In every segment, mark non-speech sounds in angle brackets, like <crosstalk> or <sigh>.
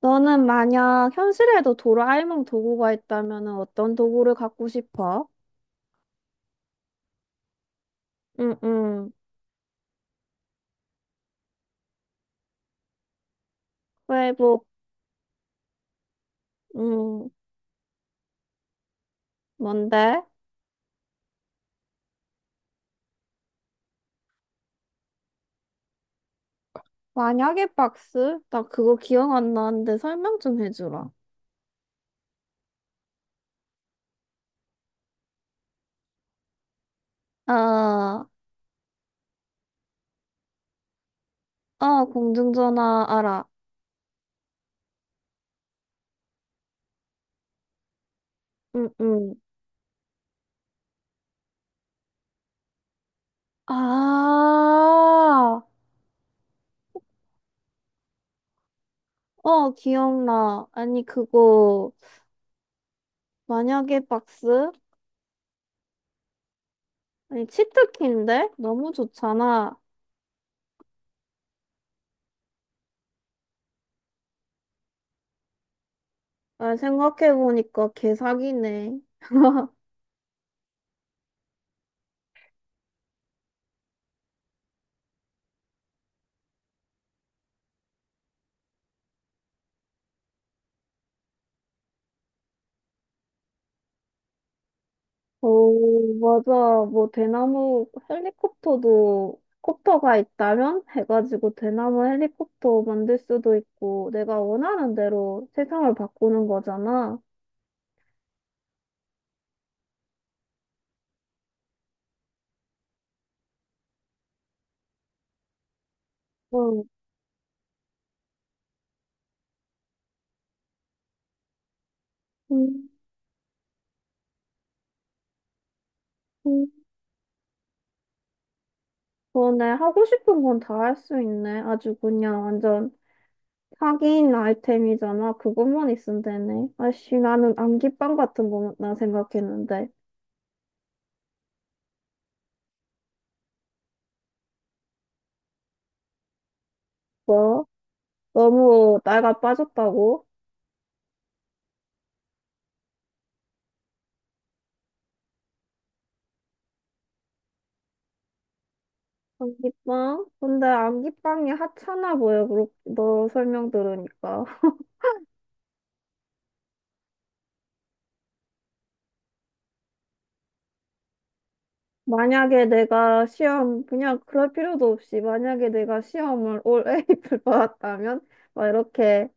너는 만약 현실에도 도라에몽 도구가 있다면 어떤 도구를 갖고 싶어? 응, 응. 왜, 뭐, 응, 뭔데? 만약에 박스? 나 그거 기억 안 나는데 설명 좀 해주라. 아, 아, 공중전화 알아. 응, 응. 아, 어, 기억나. 아니, 그거, 만약에 박스? 아니, 치트키인데? 너무 좋잖아. 아, 생각해보니까 개사기네. 오, 맞아. 뭐, 대나무 헬리콥터도, 콥터가 있다면? 해가지고 대나무 헬리콥터 만들 수도 있고, 내가 원하는 대로 세상을 바꾸는 거잖아. 응. 음, 음. 그러네. 하고 싶은 건 다 할 수 있네. 아주 그냥 완전 사기인 아이템이잖아. 그것만 있으면 되네. 아씨, 나는 안기빵 같은 거나 생각했는데. 뭐? 너무 나이가 빠졌다고? 안기빵? 근데 안기빵이 하찮아 보여, 그렇, 너 설명 들으니까. <laughs> 만약에 내가 시험, 그냥 그럴 필요도 없이, 만약에 내가 시험을 올 A를 <laughs> 받았다면, 막 이렇게,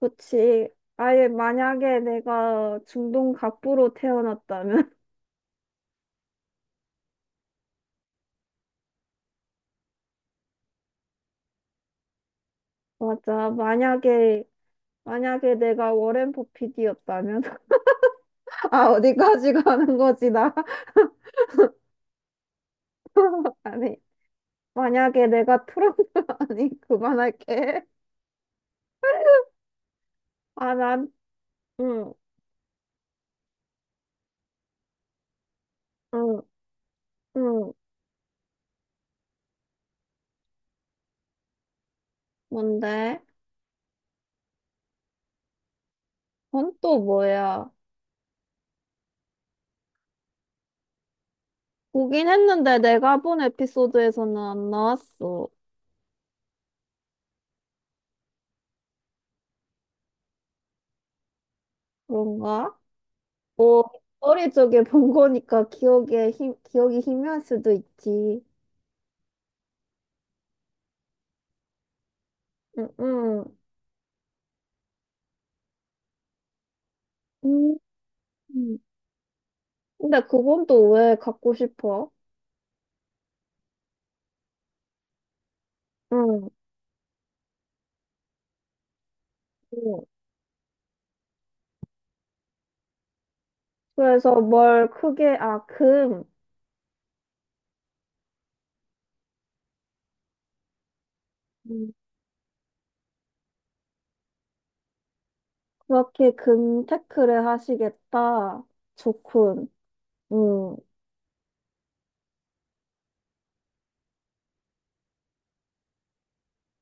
그치. 아예 만약에 내가 중동 갑부로 태어났다면, <laughs> 맞아. 만약에, 만약에 내가 워렌 버핏이었다면, <laughs> 아, 어디까지 가는 거지, 나. <laughs> 아니, 만약에 내가 트럼프, <laughs> 아니, 그만할게. 아, 난 응, 응, 응. 뭔데? 그건 또 뭐야? 보긴 했는데 내가 본 에피소드에서는 안 나왔어. 그런가? 뭐, 어릴 적에 본 거니까 기억에 힘, 기억이 희미할 수도 있지. 응, 응. 음. 근데 그건 또 왜 갖고 싶어? 응, 응. 그래서 뭘 크게, 아, 금. 음, 그렇게 금 테크를 하시겠다. 좋군. 응.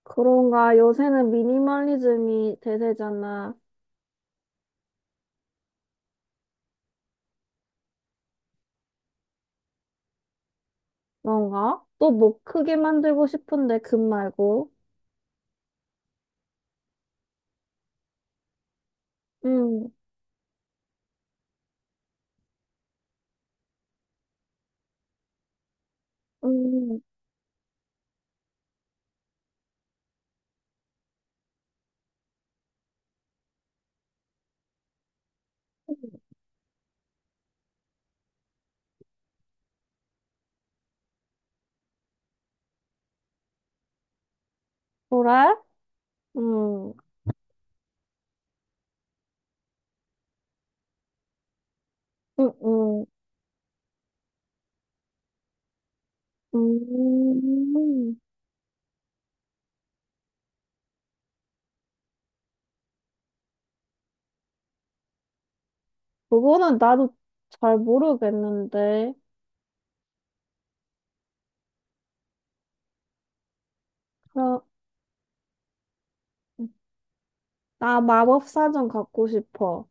그런가? 요새는 미니멀리즘이 대세잖아. 그런가? 또 뭐 크게 만들고 싶은데 금 말고. 응 응 그래? 응 응 응 응 그거는 나도 잘 모르겠는데. 그럼 나 마법사전 갖고 싶어.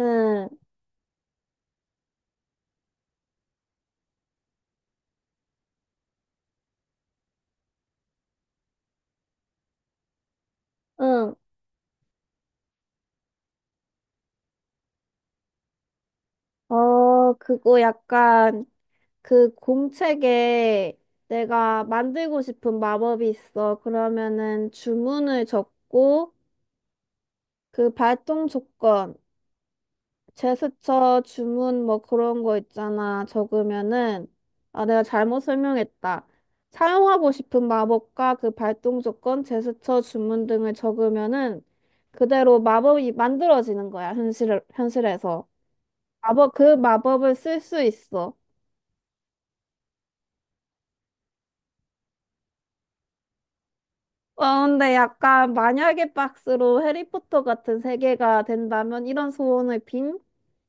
응, 응. 어, 그거 약간 그 공책에 내가 만들고 싶은 마법이 있어. 그러면은 주문을 적고 그 발동 조건, 제스처, 주문 뭐 그런 거 있잖아. 적으면은 아 내가 잘못 설명했다. 사용하고 싶은 마법과 그 발동 조건, 제스처, 주문 등을 적으면은 그대로 마법이 만들어지는 거야. 현실에서. 마법 그 마법을 쓸 수 있어. 어, 근데 약간 만약에 박스로 해리포터 같은 세계가 된다면 이런 소원을 빈?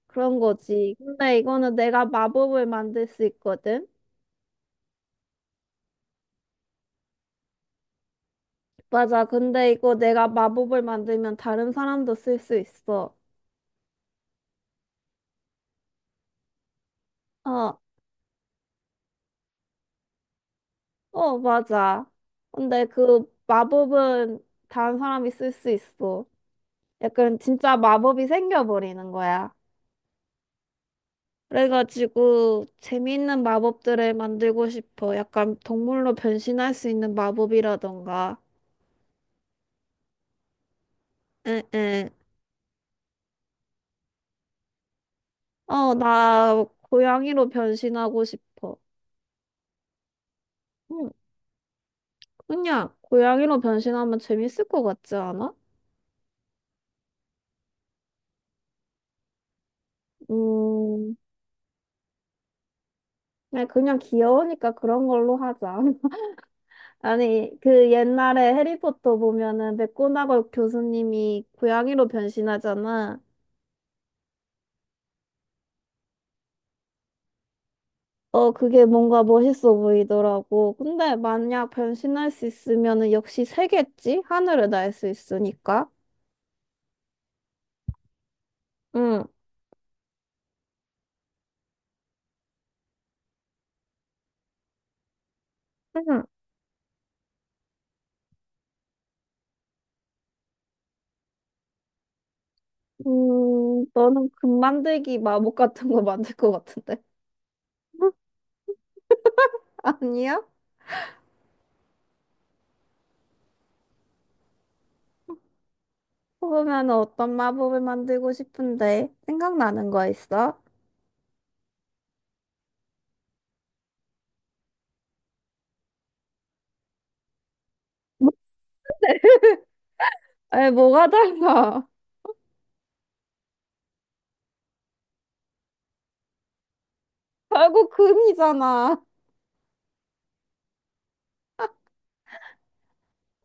그런 거지. 근데 이거는 내가 마법을 만들 수 있거든. 맞아. 근데 이거 내가 마법을 만들면 다른 사람도 쓸 수 있어. 어, 어, 맞아. 근데 그 마법은 다른 사람이 쓸 수 있어. 약간 진짜 마법이 생겨버리는 거야. 그래가지고 재미있는 마법들을 만들고 싶어. 약간 동물로 변신할 수 있는 마법이라던가. 응응. 어, 나 고양이로 변신하고 싶어. 응, 그냥 고양이로 변신하면 재밌을 것 같지 않아? 음, 그냥 귀여우니까 그런 걸로 하자. <laughs> 아니, 그 옛날에 해리포터 보면은 맥고나걸 교수님이 고양이로 변신하잖아. 어, 그게 뭔가 멋있어 보이더라고. 근데 만약 변신할 수 있으면은 역시 새겠지? 하늘을 날 수 있으니까. 응. 응. 너는 금 만들기 마법 같은 거 만들 것 같은데. <laughs> 아니야? 그러면 어떤 마법을 만들고 싶은데? 생각나는 거 있어? 아이, 뭐가 달라? <laughs> 결국 금이잖아.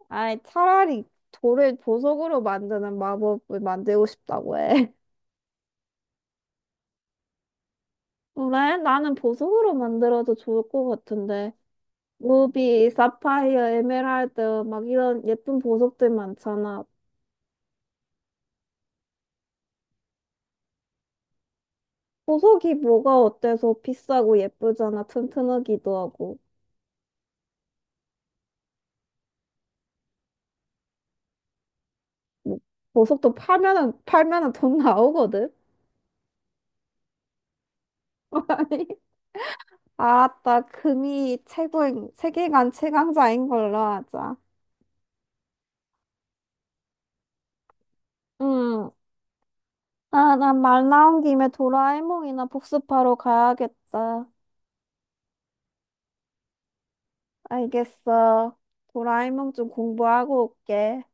아이, 차라리 돌을 보석으로 만드는 마법을 만들고 싶다고 해. 그래? 나는 보석으로 만들어도 좋을 것 같은데. 루비, 사파이어, 에메랄드, 막 이런 예쁜 보석들 많잖아. 보석이 뭐가 어때서 비싸고 예쁘잖아. 튼튼하기도 하고. 뭐, 보석도 팔면은 돈 나오거든? <laughs> 아니, 알았다. 금이 최고인, 세계관 최강자인 걸로 하자. 응. 아, 난 말 나온 김에 도라에몽이나 복습하러 가야겠다. 알겠어. 도라에몽 좀 공부하고 올게.